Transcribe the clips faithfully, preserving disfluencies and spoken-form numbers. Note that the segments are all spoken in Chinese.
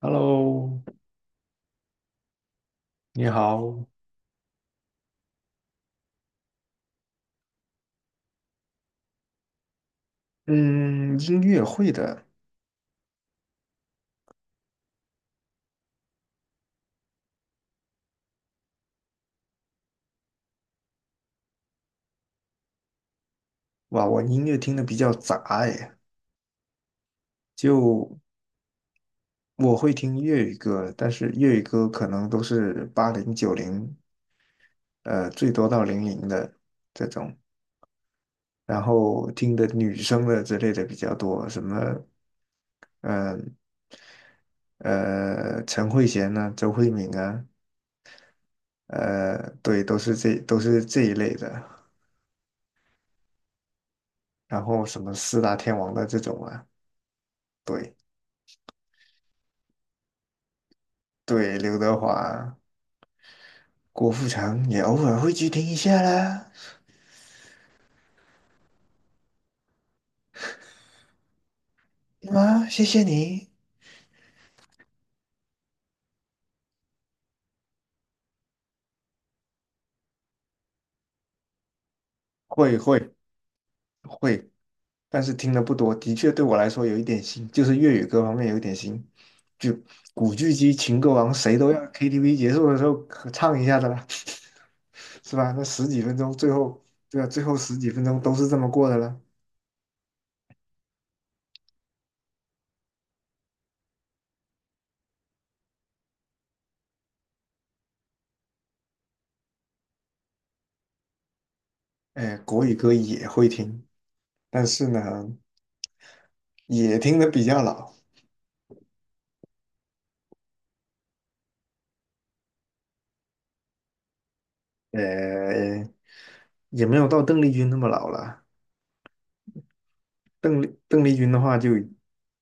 Hello，你好。嗯，音乐会的。哇，我音乐听的比较杂哎。就我会听粤语歌，但是粤语歌可能都是八零九零，呃，最多到零零的这种。然后听的女生的之类的比较多，什么，嗯呃，呃陈慧娴呐、周慧敏啊。呃，对，都是这都是这一类的。然后什么四大天王的这种啊。对。对，刘德华、郭富城也偶尔会去听一下啦。啊，谢谢你。会会会，但是听的不多，的确对我来说有一点新，就是粤语歌方面有一点新。就古巨基、情歌王，谁都要 K T V 结束的时候可唱一下的啦，是吧？那十几分钟，最后对啊，最后十几分钟都是这么过的啦。哎，国语歌也会听，但是呢，也听的比较老。呃，也没有到邓丽君那么老了。邓丽邓丽君的话就，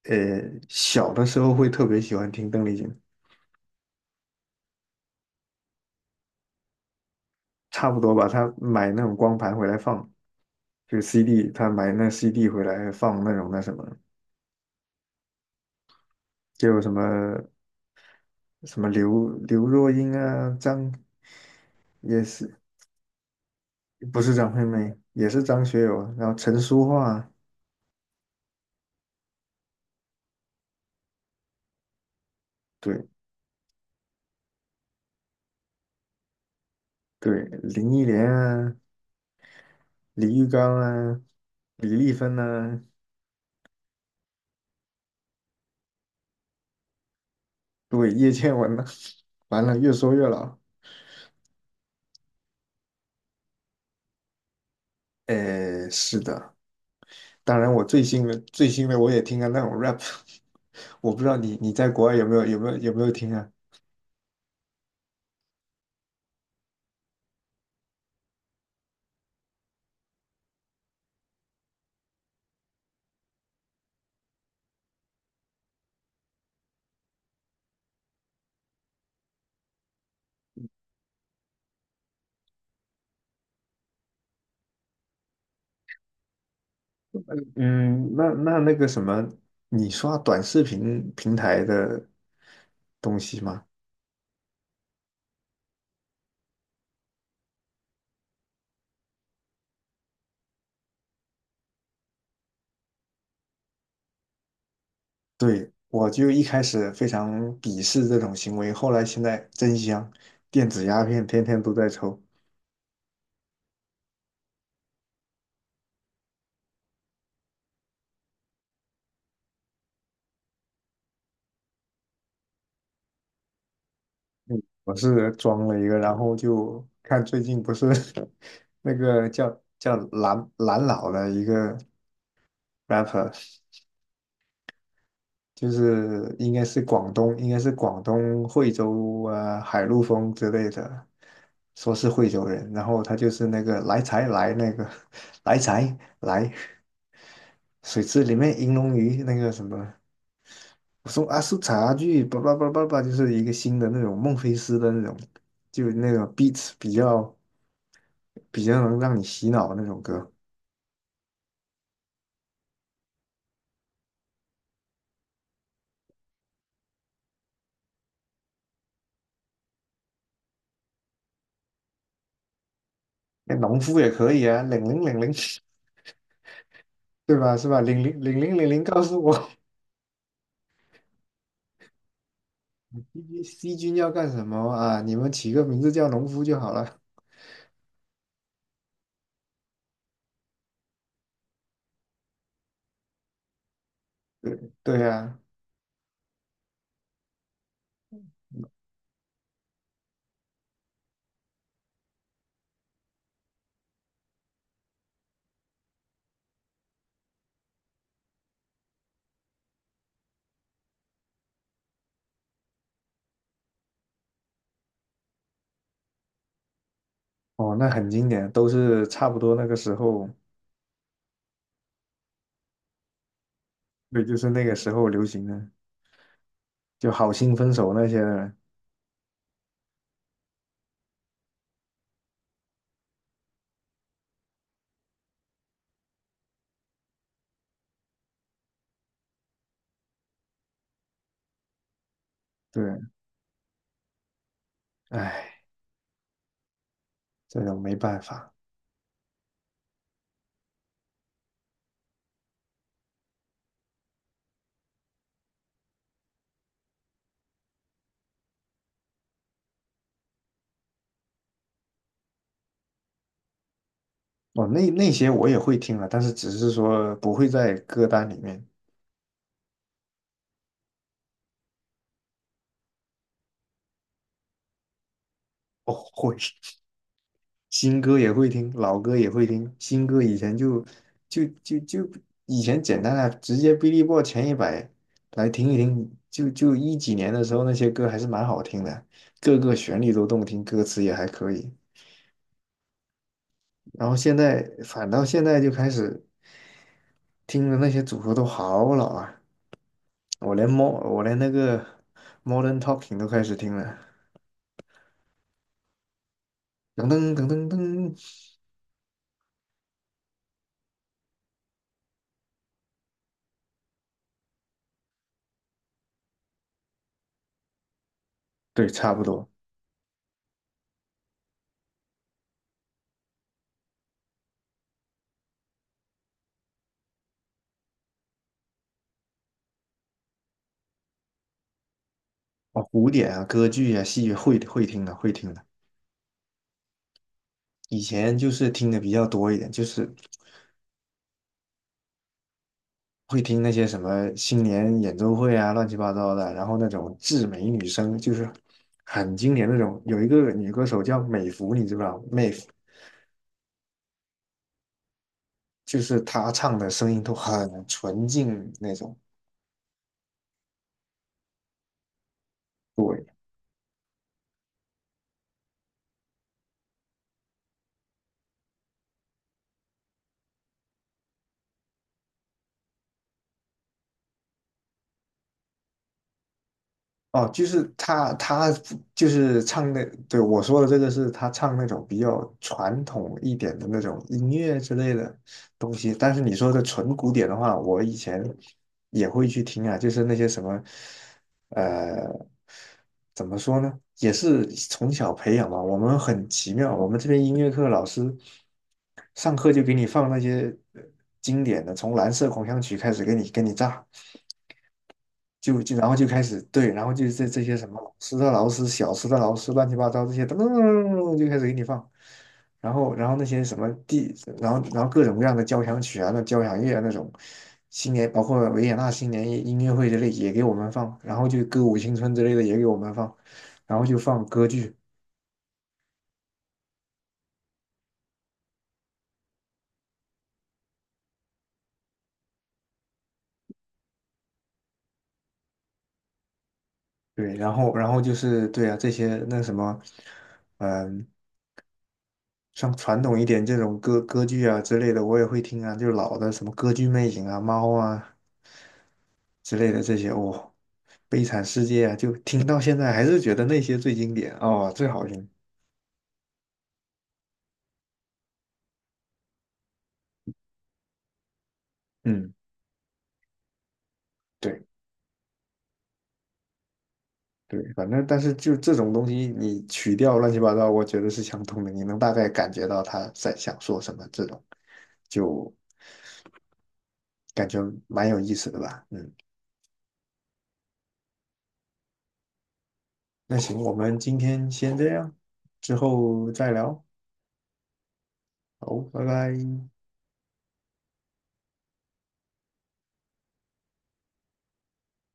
呃，小的时候会特别喜欢听邓丽君。差不多吧。她买那种光盘回来放，就是 C D，她买那 C D 回来放那种那什么，就有什么什么刘刘若英啊，张也是不是张惠妹，也是张学友啊，然后陈淑桦啊对对，林忆莲啊，李玉刚啊，李丽芬啊，对，叶倩文啊。完了，越说越老。呃，是的。当然，我最新的最新的我也听啊，那种 rap。我不知道你你在国外有没有有没有有没有听啊？嗯，那那那个什么，你刷短视频平台的东西吗？对，我就一开始非常鄙视这种行为，后来现在真香，电子鸦片天天都在抽。我是装了一个，然后就看最近不是 那个叫叫蓝蓝老的一个 rapper。就是应该是广东，应该是广东惠州啊、海陆丰之类的，说是惠州人。然后他就是那个来财来那个 来财来水池里面银龙鱼那个什么，我说阿叔茶具，叭叭叭叭叭，就是一个新的那种孟菲斯的那种。就那种 beats 比较比较能让你洗脑的那种歌。那农夫也可以啊，零零零零，对吧？是吧？零零零零零零告诉我。C 军 C 军要干什么啊？你们起个名字叫农夫就好了。对对啊。哦，那很经典，都是差不多那个时候。对，就是那个时候流行的，就好心分手那些的。对。唉，这种没办法。哦，那那些我也会听了，但是只是说不会在歌单里面。哦，会。新歌也会听，老歌也会听。新歌以前就就就就以前简单啊，直接 Billboard 前一百来听一听。就就一几年的时候，那些歌还是蛮好听的，各个旋律都动听，歌词也还可以。然后现在反倒现在就开始听的那些组合都好老啊。我连猫我连那个 Modern Talking 都开始听了，噔噔噔噔噔。对，差不多。哦，古典啊，歌剧啊，戏剧会会听的，会听的。以前就是听的比较多一点，就是会听那些什么新年演奏会啊，乱七八糟的，然后那种至美女声，就是很经典那种。有一个女歌手叫美芙，你知不知道？美孚就是她唱的声音都很纯净那种。对。哦，就是他，他就是唱那，对，我说的这个是他唱那种比较传统一点的那种音乐之类的东西。但是你说的纯古典的话，我以前也会去听啊，就是那些什么，呃，怎么说呢，也是从小培养嘛。我们很奇妙，我们这边音乐课老师上课就给你放那些呃经典的，从《蓝色狂想曲》开始给你给你炸。就就然后就开始对，然后就是这这些什么老师的老师、小时的老师、乱七八糟这些，噔噔噔噔噔就开始给你放。然后然后那些什么地，然后然后各种各样的交响曲啊、那交响乐啊那种。新年包括维也纳新年音音乐会之类也给我们放，然后就歌舞青春之类的也给我们放，然后就放歌剧。对，然后然后就是对啊这些那什么。嗯。像传统一点这种歌歌剧啊之类的，我也会听啊，就是老的什么歌剧魅影啊、猫啊，之类的这些。哦，《悲惨世界》啊，就听到现在还是觉得那些最经典哦，最好听。嗯，对对，反正但是就这种东西，你曲调乱七八糟，我觉得是相通的，你能大概感觉到他在想说什么，这种就感觉蛮有意思的吧。嗯，那行，我们今天先这样，之后再聊。好，拜拜。